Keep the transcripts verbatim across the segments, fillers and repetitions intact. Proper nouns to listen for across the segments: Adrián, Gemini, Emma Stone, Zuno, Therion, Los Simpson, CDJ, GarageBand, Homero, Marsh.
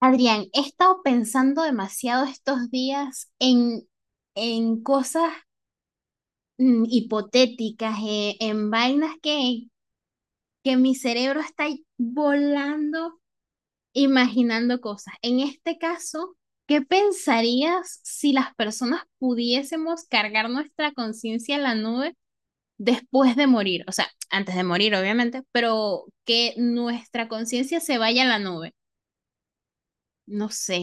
Adrián, he estado pensando demasiado estos días en, en cosas mm, hipotéticas, eh, en vainas que, que mi cerebro está ahí volando, imaginando cosas. En este caso, ¿qué pensarías si las personas pudiésemos cargar nuestra conciencia en la nube después de morir? O sea, antes de morir, obviamente, pero que nuestra conciencia se vaya a la nube. No sé.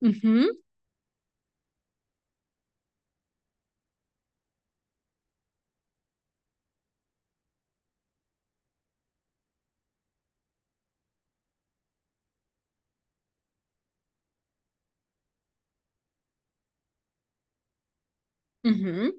Ujú, ujú.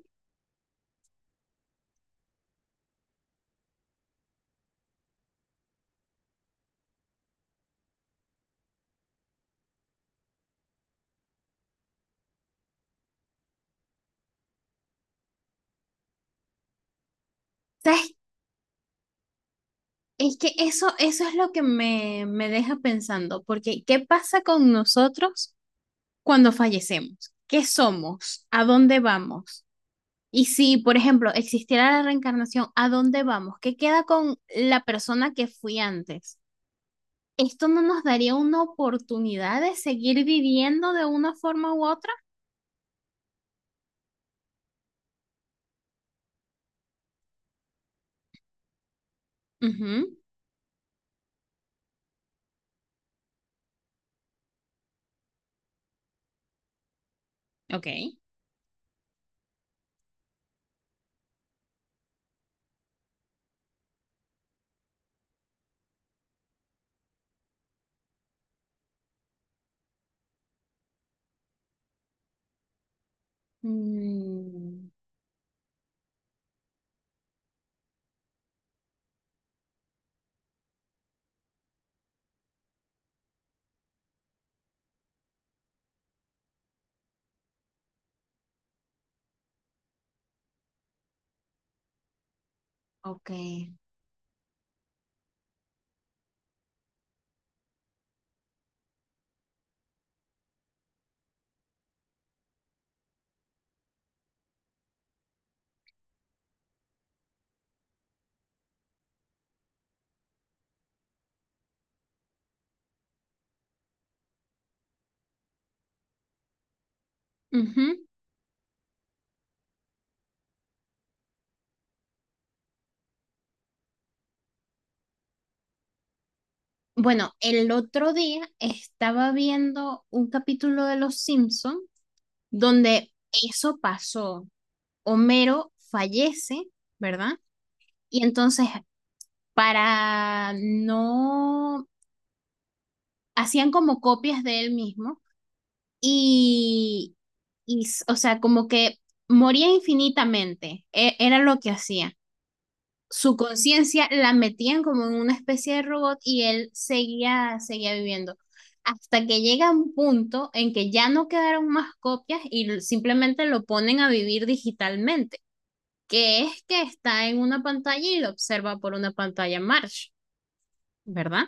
¿Sabes Es que eso, eso es lo que me, me deja pensando, porque ¿qué pasa con nosotros cuando fallecemos? ¿Qué somos? ¿A dónde vamos? Y si, por ejemplo, existiera la reencarnación, ¿a dónde vamos? ¿Qué queda con la persona que fui antes? ¿Esto no nos daría una oportunidad de seguir viviendo de una forma u otra? Ujú, ok. Mm, ok. Ujú. Bueno, el otro día estaba viendo un capítulo de Los Simpson donde eso pasó. Homero fallece, ¿verdad? Y entonces, para no hacían como copias de él mismo y, y s- o sea, como que moría infinitamente. e- Era lo que hacía. Su conciencia la metían como en una especie de robot y él seguía, seguía viviendo. Hasta que llega un punto en que ya no quedaron más copias y simplemente lo ponen a vivir digitalmente, que es que está en una pantalla y lo observa por una pantalla Marsh, ¿verdad?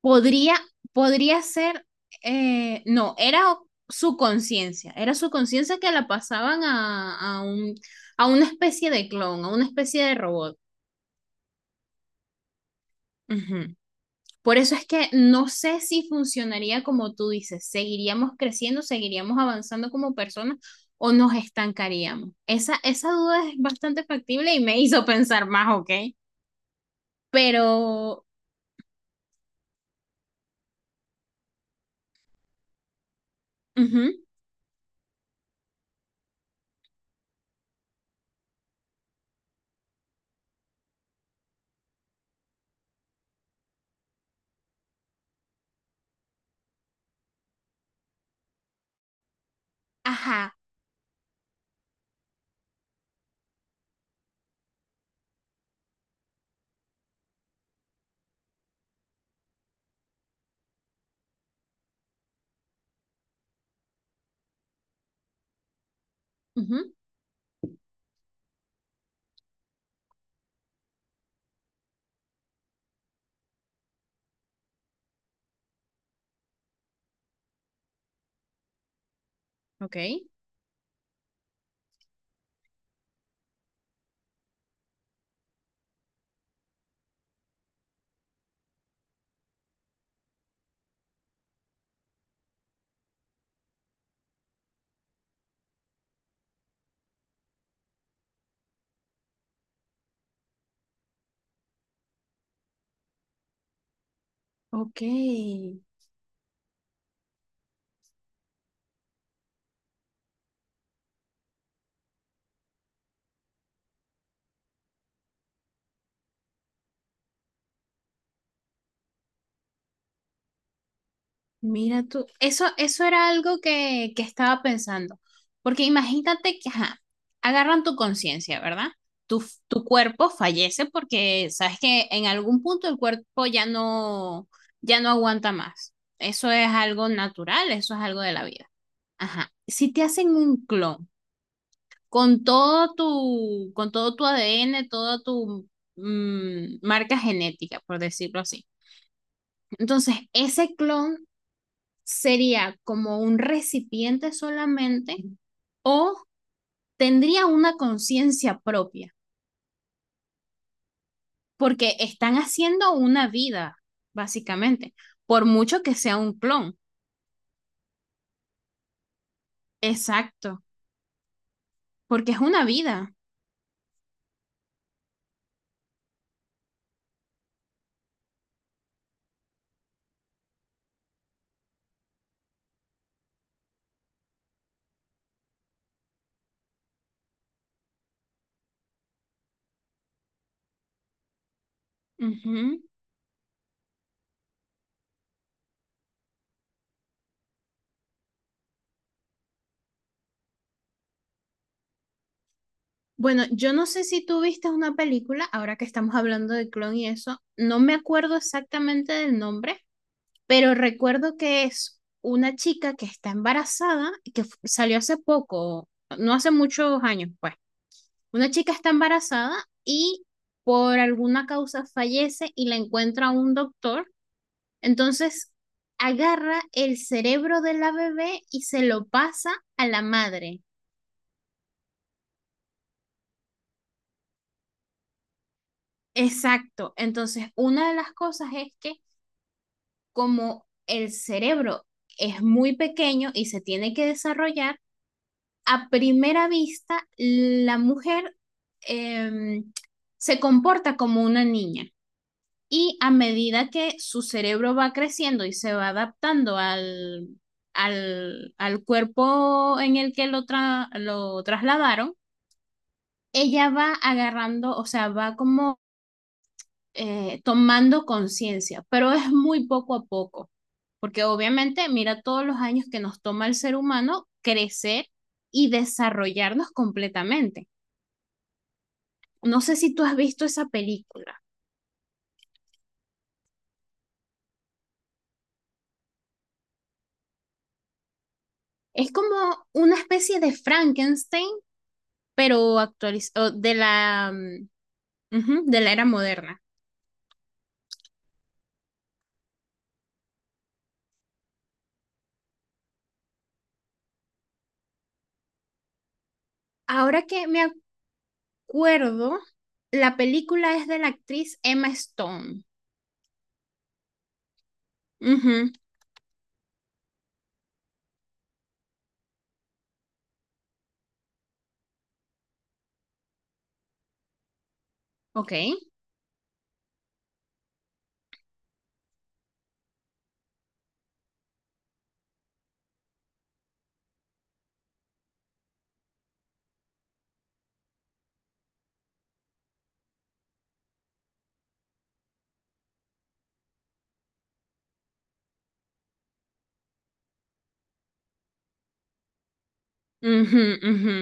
Podría, podría ser, eh, no, era su conciencia, era su conciencia que la pasaban a, a un, a una especie de clon, a una especie de robot. Ujú. Por eso es que no sé si funcionaría como tú dices, seguiríamos creciendo, seguiríamos avanzando como personas o nos estancaríamos. Esa, esa duda es bastante factible y me hizo pensar más, ¿ok? Pero, ujú, ajá, ujú, ok, ok. Mira tú, eso, eso era algo que, que estaba pensando, porque imagínate que ajá, agarran tu conciencia, ¿verdad? Tu, f- tu cuerpo fallece porque sabes que en algún punto el cuerpo ya no, ya no aguanta más. Eso es algo natural, eso es algo de la vida. Ajá. Si te hacen un clon con todo tu, con todo tu A D N, toda tu mm, marca genética, por decirlo así. Entonces, ese clon sería como un recipiente solamente o tendría una conciencia propia, porque están haciendo una vida, básicamente, por mucho que sea un clon. Exacto, porque es una vida. Ujú. Bueno, yo no sé si tú viste una película, ahora que estamos hablando de clon y eso, no me acuerdo exactamente del nombre, pero recuerdo que es una chica que está embarazada, y que f- salió hace poco, no hace muchos años, pues. Una chica está embarazada y por alguna causa fallece y la encuentra un doctor. Entonces agarra el cerebro de la bebé y se lo pasa a la madre. Exacto. Entonces, una de las cosas es que como el cerebro es muy pequeño y se tiene que desarrollar, a primera vista la mujer em, se comporta como una niña. Y a medida que su cerebro va creciendo y se va adaptando al, al, al cuerpo en el que lo, tra lo trasladaron, ella va agarrando, o sea, va como eh, tomando conciencia, pero es muy poco a poco, porque obviamente mira todos los años que nos toma el ser humano crecer y desarrollarnos completamente. No sé si tú has visto esa película. Es como una especie de Frankenstein pero actualizado de la, mm, ujú, de la era moderna. Ahora que me acuerdo, la película es de la actriz Emma Stone. Ujú, ok. Ujú, ujú,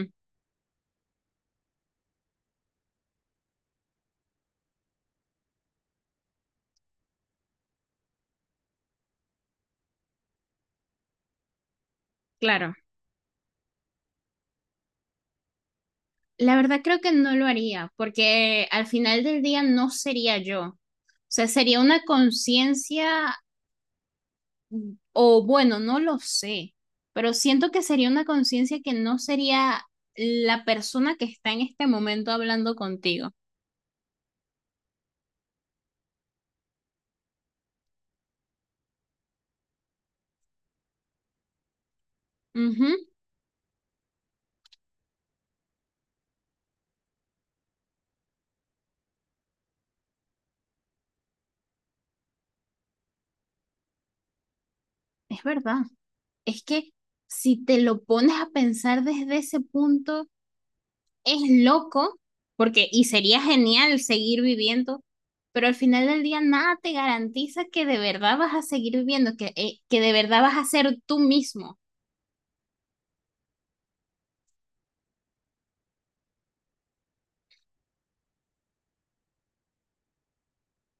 claro. La verdad creo que no lo haría, porque al final del día no sería yo. O sea, sería una conciencia, mm, o bueno, no lo sé, pero siento que sería una conciencia que no sería la persona que está en este momento hablando contigo. Ujú. Es verdad. Es que si te lo pones a pensar desde ese punto, es loco, porque, y sería genial seguir viviendo, pero al final del día nada te garantiza que de verdad vas a seguir viviendo, que, eh, que de verdad vas a ser tú mismo.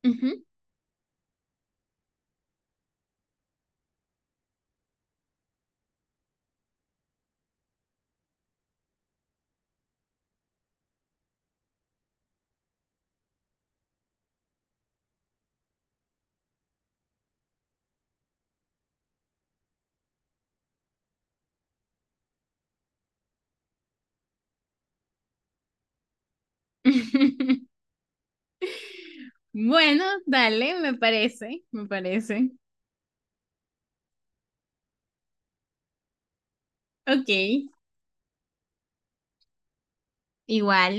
Ujú. Bueno, dale, me parece, me parece. Ok, igual.